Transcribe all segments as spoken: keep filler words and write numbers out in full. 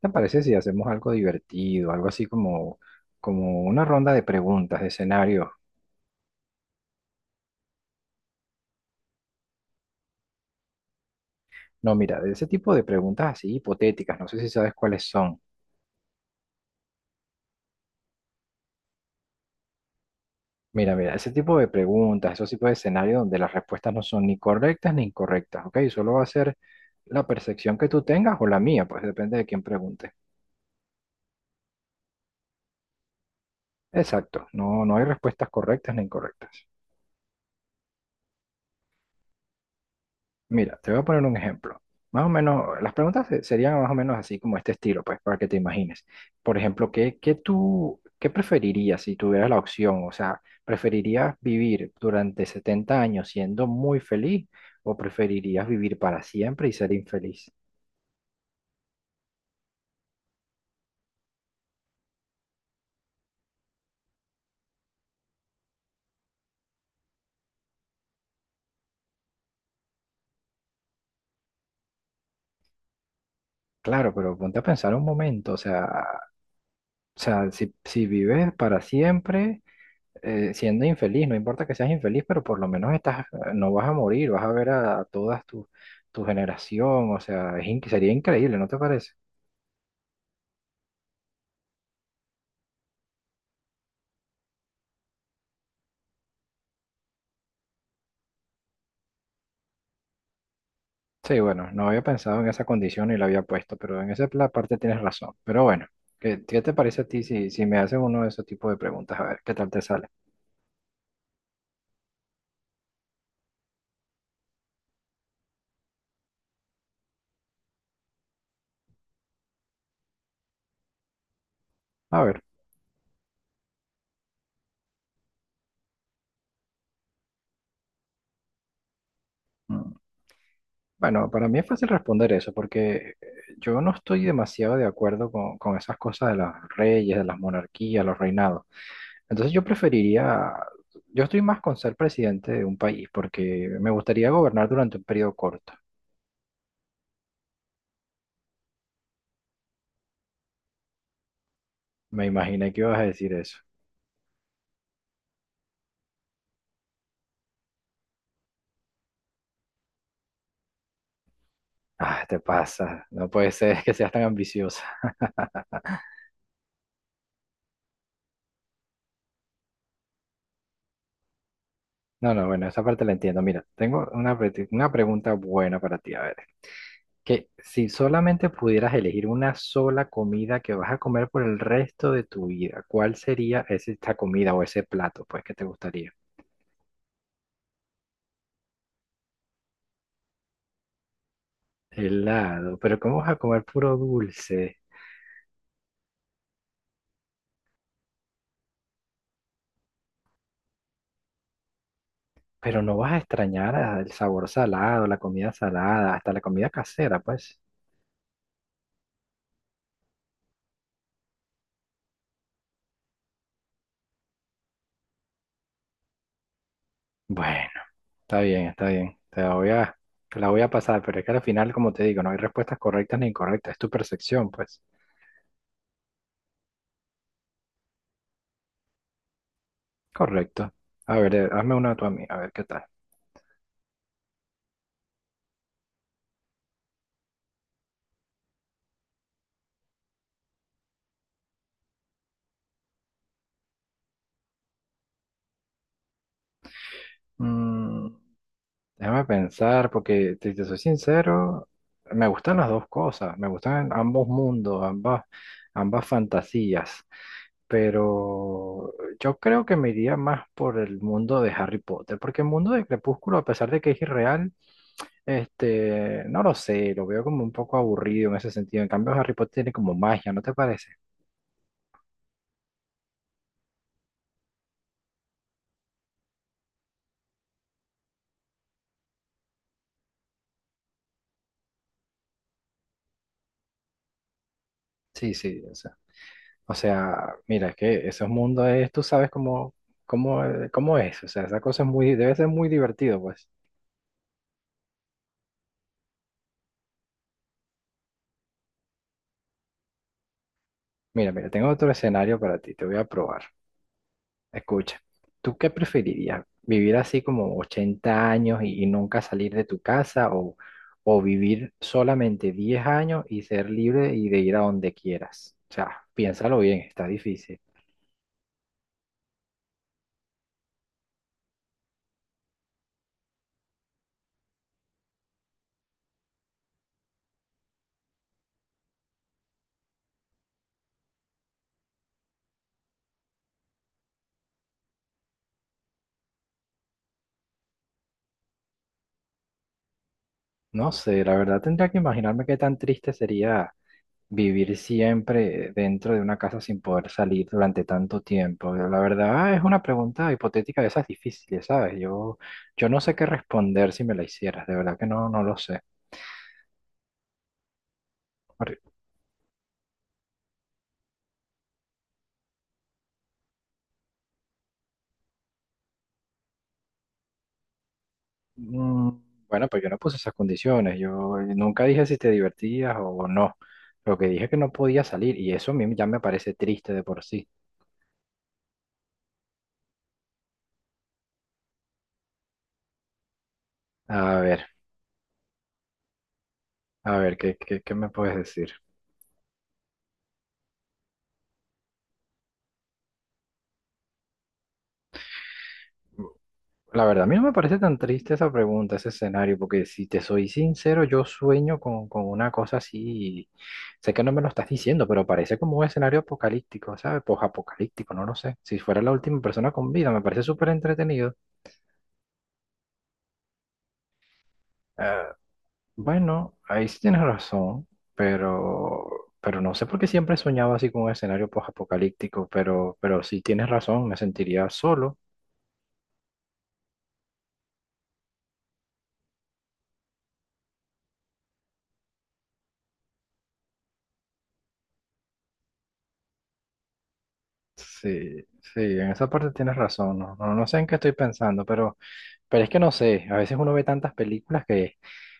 ¿Te parece si hacemos algo divertido, algo así como, como una ronda de preguntas, de escenarios? No, mira, de ese tipo de preguntas así hipotéticas, no sé si sabes cuáles son. Mira, mira, ese tipo de preguntas, esos tipos de escenarios donde las respuestas no son ni correctas ni incorrectas, ¿ok? Solo va a ser la percepción que tú tengas o la mía, pues depende de quién pregunte. Exacto, no, no hay respuestas correctas ni incorrectas. Mira, te voy a poner un ejemplo. Más o menos, las preguntas se- serían más o menos así como este estilo, pues, para que te imagines. Por ejemplo, ¿qué, qué tú, qué preferirías si tuvieras la opción? O sea, ¿preferirías vivir durante setenta años siendo muy feliz o preferirías vivir para siempre y ser infeliz? Claro, pero ponte a pensar un momento, o sea, o sea, si, si vives para siempre... eh, siendo infeliz, no importa que seas infeliz, pero por lo menos estás, eh, no vas a morir, vas a ver a, todas tu, tu generación, o sea, es in- sería increíble, ¿no te parece? Sí, bueno, no había pensado en esa condición y la había puesto, pero en esa pla- parte tienes razón. Pero bueno, ¿qué, qué te parece a ti si, si me haces uno de esos tipos de preguntas? A ver, ¿qué tal te sale? A ver, mm, bueno, para mí es fácil responder eso, porque eh, yo no estoy demasiado de acuerdo con, con esas cosas de los reyes, de las monarquías, los reinados. Entonces yo preferiría, yo estoy más con ser presidente de un país porque me gustaría gobernar durante un periodo corto. Me imaginé que ibas a decir eso. Ah, te pasa, no puede ser que seas tan ambiciosa. No, no, bueno, esa parte la entiendo. Mira, tengo una, pre- una pregunta buena para ti. A ver, que si solamente pudieras elegir una sola comida que vas a comer por el resto de tu vida, ¿cuál sería ese- esta comida o ese plato, pues, que te gustaría? Helado, pero ¿cómo vas a comer puro dulce? Pero no vas a extrañar a- el sabor salado, la comida salada, hasta la comida casera, pues. Bueno, está bien, está bien. Te la voy a, te la voy a pasar, pero es que al final, como te digo, no hay respuestas correctas ni incorrectas. Es tu percepción, pues. Correcto. A ver, eh, hazme una tú a mí, a ver qué tal. Mm, déjame pensar, porque si te soy sincero, me gustan las dos cosas, me gustan ambos mundos, ambas, ambas fantasías, pero yo creo que me iría más por el mundo de Harry Potter, porque el mundo de Crepúsculo, a pesar de que es irreal, este, no lo sé, lo veo como un poco aburrido en ese sentido. En cambio, Harry Potter tiene como magia, ¿no te parece? Sí, sí, o sea, o sea, mira, es que esos mundos es, tú sabes cómo, cómo, eh, cómo es, o sea, esa cosa es muy, debe ser muy divertido, pues. Mira, mira, tengo otro escenario para ti, te voy a probar. Escucha, ¿tú qué preferirías? ¿Vivir así como ochenta años y, y nunca salir de tu casa o, o vivir solamente diez años y ser libre y de ir a donde quieras? O sea, piénsalo bien, está difícil. No sé, la verdad tendría que imaginarme qué tan triste sería vivir siempre dentro de una casa sin poder salir durante tanto tiempo. La verdad es una pregunta hipotética de esas difíciles, ¿sabes? Yo, yo no sé qué responder si me la hicieras, de verdad que no, no lo sé. Porque, mm, bueno, pues yo no puse esas condiciones, yo nunca dije si te divertías o no. Lo que dije es que no podía salir y eso a mí ya me parece triste de por sí. A ver, a ver, ¿qué, qué, qué me puedes decir? La verdad, a mí no me parece tan triste esa pregunta, ese escenario, porque si te soy sincero, yo sueño con, con una cosa así, sé que no me lo estás diciendo, pero parece como un escenario apocalíptico, ¿sabes? Apocalíptico no lo sé. Si fuera la última persona con vida, me parece súper entretenido. Eh, bueno, ahí sí tienes razón, pero, pero no sé por qué siempre he soñado así con un escenario apocalíptico pero, pero sí tienes razón, me sentiría solo. Sí, sí, en esa parte tienes razón, no, no, no sé en qué estoy pensando, pero... Pero es que no sé, a veces uno ve tantas películas que,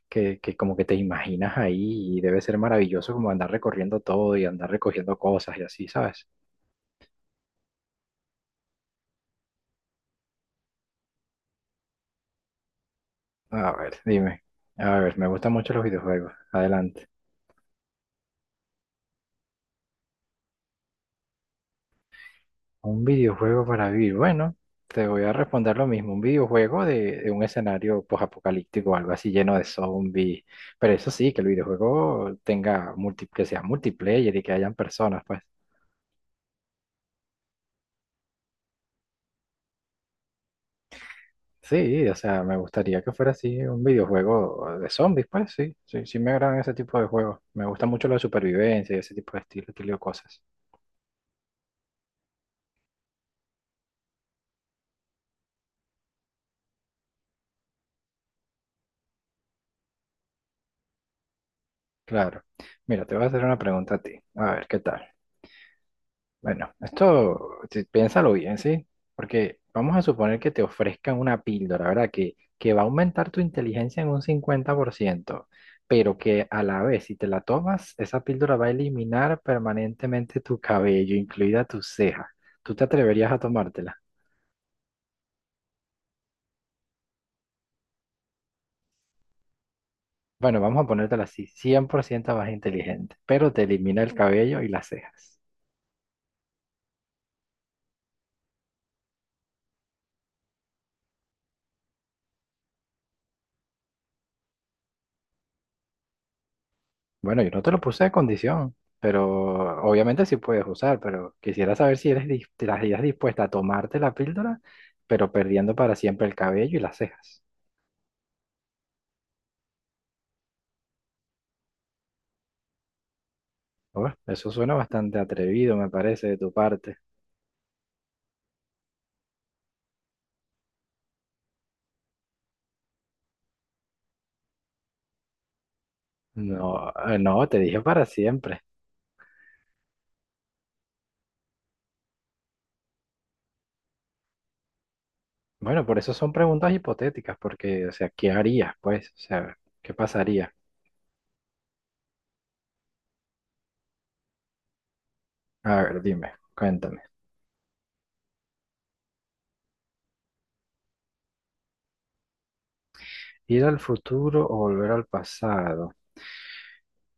que, que como que te imaginas ahí y debe ser maravilloso como andar recorriendo todo y andar recogiendo cosas y así, ¿sabes? A ver, dime. A ver, me gustan mucho los videojuegos. Adelante. Un videojuego para vivir. Bueno, te voy a responder lo mismo. Un videojuego de, de un escenario posapocalíptico o algo así lleno de zombies. Pero eso sí, que el videojuego tenga multi, que sea multiplayer y que hayan personas, pues. Sí, o sea, me gustaría que fuera así un videojuego de zombies, pues sí, sí, sí me agradan ese tipo de juegos. Me gusta mucho la supervivencia y ese tipo de estilo, estilo de cosas. Claro. Mira, te voy a hacer una pregunta a ti. A ver, ¿qué tal? Bueno, esto, sí, piénsalo bien, ¿sí? Porque vamos a suponer que te ofrezcan una píldora, ¿verdad? Que, que va a aumentar tu inteligencia en un cincuenta por ciento, pero que a la vez, si te la tomas, esa píldora va a eliminar permanentemente tu cabello, incluida tu ceja. ¿Tú te atreverías a tomártela? Bueno, vamos a ponértela así, cien por ciento más inteligente, pero te elimina el cabello y las cejas. Bueno, yo no te lo puse de condición, pero obviamente sí puedes usar, pero quisiera saber si eres dis- te las ideas dispuesta a tomarte la píldora, pero perdiendo para siempre el cabello y las cejas. Uf, eso suena bastante atrevido, me parece, de tu parte. No, eh, no, te dije para siempre. Bueno, por eso son preguntas hipotéticas, porque, o sea, ¿qué harías, pues? O sea, ¿qué pasaría? A ver, dime, cuéntame. ¿Ir al futuro o volver al pasado?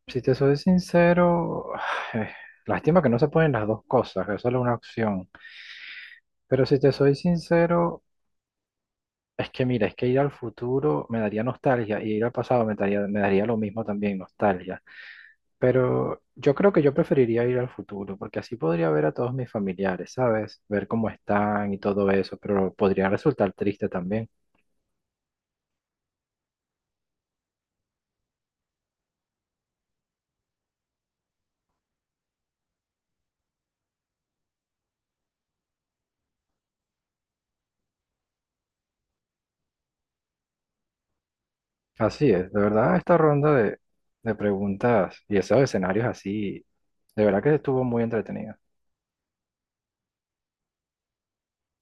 Si te soy sincero, eh, lástima que no se pueden las dos cosas, que solo una opción. Pero si te soy sincero, es que mira, es que ir al futuro me daría nostalgia y ir al pasado me daría, me daría lo mismo también, nostalgia. Pero yo creo que yo preferiría ir al futuro, porque así podría ver a todos mis familiares, ¿sabes? Ver cómo están y todo eso, pero podría resultar triste también. Así es, de verdad esta ronda de, de preguntas y esos escenarios así, de verdad que estuvo muy entretenida.